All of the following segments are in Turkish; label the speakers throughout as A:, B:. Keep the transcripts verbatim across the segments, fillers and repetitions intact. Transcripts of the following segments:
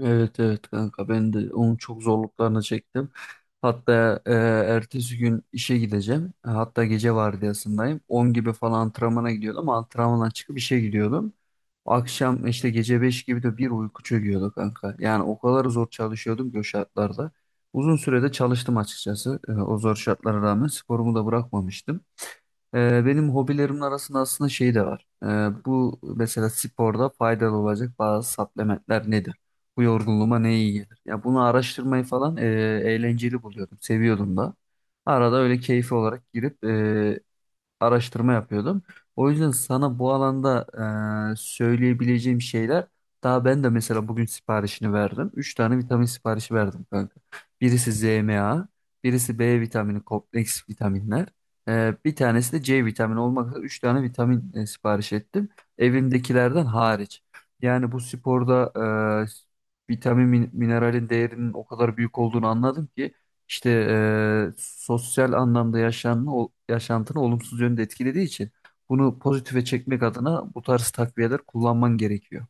A: Evet evet kanka ben de onun çok zorluklarını çektim. Hatta e, ertesi gün işe gideceğim. Hatta gece vardiyasındayım. On gibi falan antrenmana gidiyordum ama antrenmandan çıkıp işe gidiyordum. Akşam işte gece beş gibi de bir uyku çöküyordu kanka. Yani o kadar zor çalışıyordum ki o şartlarda. Uzun sürede çalıştım açıkçası. E, o zor şartlara rağmen sporumu da bırakmamıştım. Ee, benim hobilerimin arasında aslında şey de var. Ee, bu mesela sporda faydalı olacak bazı supplementler nedir? Bu yorgunluğuma ne iyi gelir? Ya bunu araştırmayı falan e, eğlenceli buluyordum, seviyordum da. Arada öyle keyfi olarak girip e, araştırma yapıyordum. O yüzden sana bu alanda e, söyleyebileceğim şeyler daha ben de mesela bugün siparişini verdim. Üç tane vitamin siparişi verdim kanka. Birisi Z M A, birisi B vitamini kompleks vitaminler. e, bir tanesi de C vitamini olmak üzere üç tane vitamin e, sipariş ettim. Evimdekilerden hariç. Yani bu sporda e, vitamin min- mineralin değerinin o kadar büyük olduğunu anladım ki işte e, sosyal anlamda yaşamını, ol- yaşantını olumsuz yönde etkilediği için bunu pozitife çekmek adına bu tarz takviyeler kullanman gerekiyor.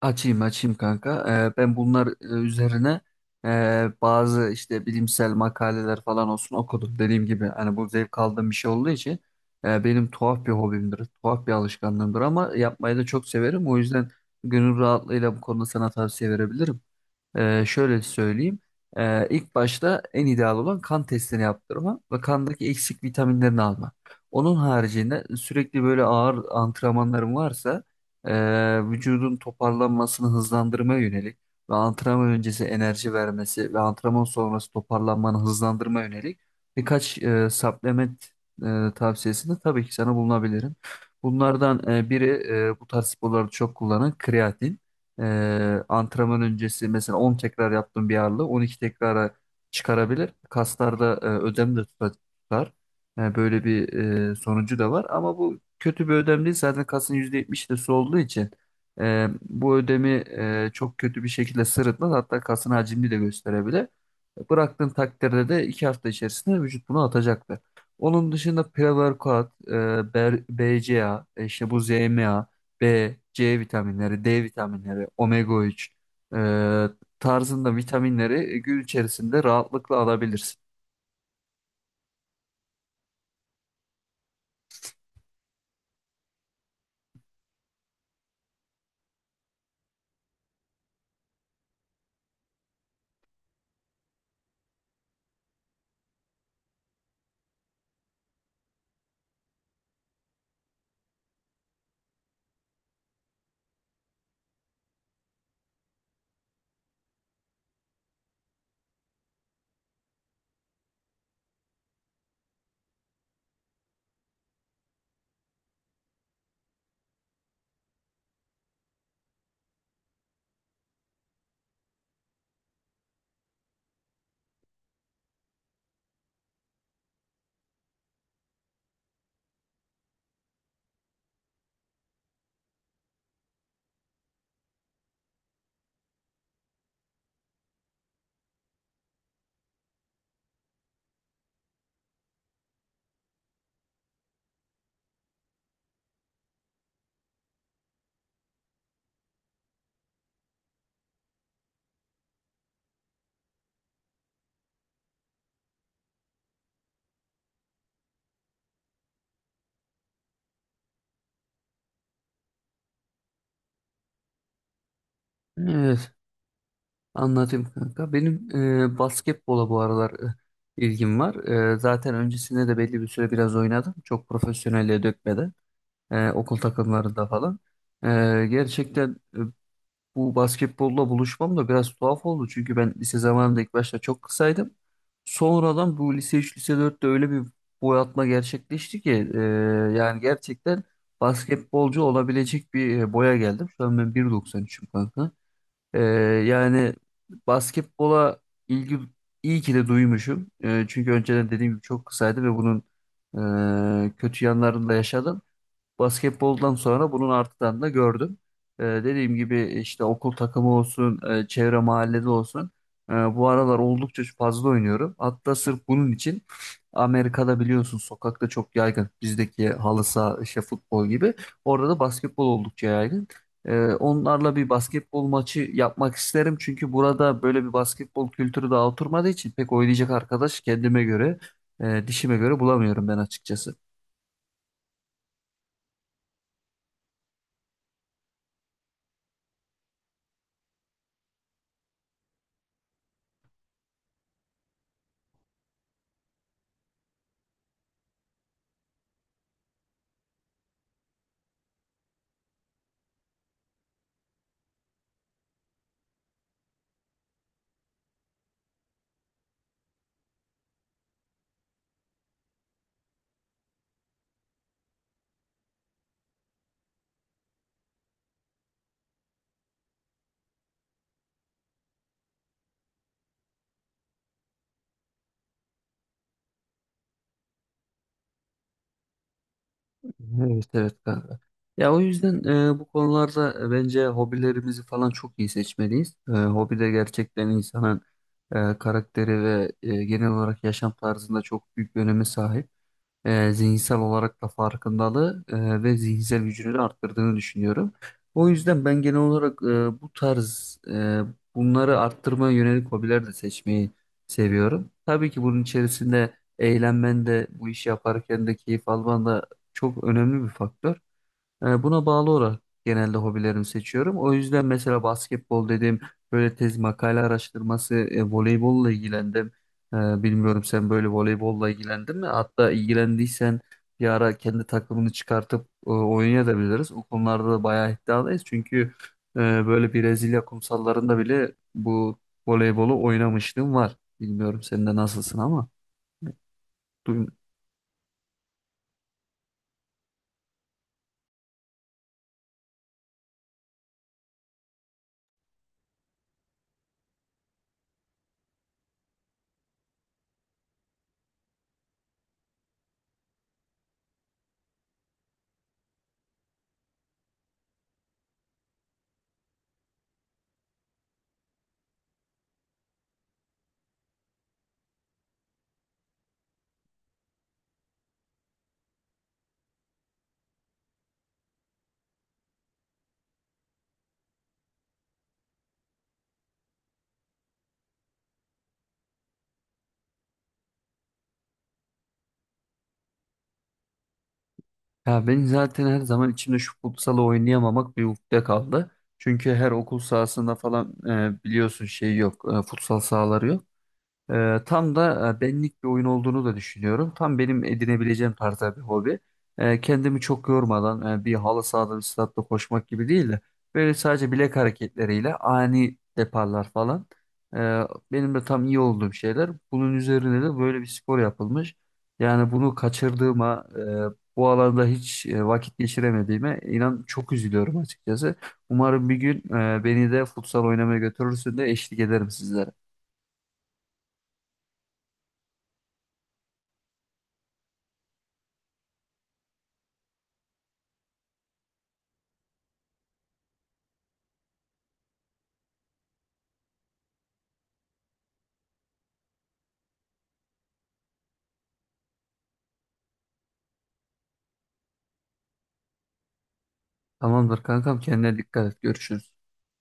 A: Açayım açayım kanka. E, ben bunlar e, üzerine e, bazı işte bilimsel makaleler falan olsun okudum. Dediğim gibi hani bu zevk aldığım bir şey olduğu için e, benim tuhaf bir hobimdir, tuhaf bir alışkanlığımdır ama yapmayı da çok severim. O yüzden gönül rahatlığıyla bu konuda sana tavsiye verebilirim. Ee, şöyle söyleyeyim. Ee, ilk başta en ideal olan kan testini yaptırma ve kandaki eksik vitaminlerini alma. Onun haricinde sürekli böyle ağır antrenmanların varsa ee, vücudun toparlanmasını hızlandırmaya yönelik ve antrenman öncesi enerji vermesi ve antrenman sonrası toparlanmanı hızlandırmaya yönelik birkaç e, supplement e, tavsiyesinde tabii ki sana bulunabilirim. Bunlardan e, biri e, bu tarz sporlarda çok kullanılan kreatin. Ee, antrenman öncesi mesela on tekrar yaptığım bir ağırlığı on iki tekrara çıkarabilir. Kaslarda e, ödem de tuta- tutar. Yani böyle bir e, sonucu da var. Ama bu kötü bir ödem değil. Zaten kasın yüzde yetmişi de su olduğu için e, bu ödemi e, çok kötü bir şekilde sırıtmaz. Hatta kasın hacmini de gösterebilir. Bıraktığın takdirde de iki hafta içerisinde vücut bunu atacaktır. Onun dışında pre-workout, e, BR- B C A, e, işte bu Z M A B, C vitaminleri, D vitaminleri, omega üç e, tarzında vitaminleri gün içerisinde rahatlıkla alabilirsin. Evet, anlatayım kanka. Benim e, basketbola bu aralar e, ilgim var. E, zaten öncesinde de belli bir süre biraz oynadım. Çok profesyonelliğe dökmeden. E, okul takımlarında falan. E, Gerçekten e, bu basketbolla buluşmam da biraz tuhaf oldu. Çünkü ben lise zamanında ilk başta çok kısaydım. Sonradan bu lise üç lise dörtte öyle bir boy atma gerçekleşti ki e, yani gerçekten basketbolcu olabilecek bir e, boya geldim. Şu an ben bir doksan üçüm kanka. E, Yani basketbola ilgi iyi ki de duymuşum. E, çünkü önceden dediğim gibi çok kısaydı ve bunun e, kötü yanlarını da yaşadım. Basketboldan sonra bunun artıdan da gördüm. Ee, dediğim gibi işte okul takımı olsun, e, çevre mahallede olsun. Ee, bu aralar oldukça fazla oynuyorum. Hatta sırf bunun için Amerika'da biliyorsun sokakta çok yaygın. Bizdeki halı saha, işte futbol gibi. Orada da basketbol oldukça yaygın. Ee, onlarla bir basketbol maçı yapmak isterim. Çünkü burada böyle bir basketbol kültürü daha oturmadığı için pek oynayacak arkadaş kendime göre, e, dişime göre bulamıyorum ben açıkçası. Evet evet kanka. Ya o yüzden e, bu konularda e, bence hobilerimizi falan çok iyi seçmeliyiz. E, hobi de gerçekten insanın e, karakteri ve e, genel olarak yaşam tarzında çok büyük bir öneme sahip, e, zihinsel olarak da farkındalığı e, ve zihinsel gücünü de arttırdığını düşünüyorum. O yüzden ben genel olarak e, bu tarz e, bunları arttırmaya yönelik hobiler de seçmeyi seviyorum. Tabii ki bunun içerisinde eğlenmen de bu işi yaparken de keyif alman da çok önemli bir faktör. E, Buna bağlı olarak genelde hobilerimi seçiyorum. O yüzden mesela basketbol dedim, böyle tez makale araştırması, e, voleybolla ilgilendim. E, Bilmiyorum sen böyle voleybolla ilgilendin mi? Hatta ilgilendiysen bir ara kendi takımını çıkartıp e, oynayabiliriz. O konularda da bayağı iddialıyız. Çünkü e, böyle Brezilya kumsallarında bile bu voleybolu oynamışlığım var. Bilmiyorum sen de nasılsın ama. Ya ben zaten her zaman içimde şu futsalı oynayamamak bir ukde kaldı. Çünkü her okul sahasında falan e, biliyorsun şey yok, e, futsal sahaları yok. Ee, tam da e, benlik bir oyun olduğunu da düşünüyorum. Tam benim edinebileceğim tarzda bir hobi. Ee, kendimi çok yormadan e, bir halı sahada bir statta koşmak gibi değil de böyle sadece bilek hareketleriyle ani deparlar falan. Ee, Benim de tam iyi olduğum şeyler. Bunun üzerine de böyle bir spor yapılmış. Yani bunu kaçırdığıma, e, bu alanda hiç e, vakit geçiremediğime inan çok üzülüyorum açıkçası. Umarım bir gün e, beni de futsal oynamaya götürürsün de eşlik ederim sizlere. Tamamdır kankam, kendine dikkat et. Görüşürüz.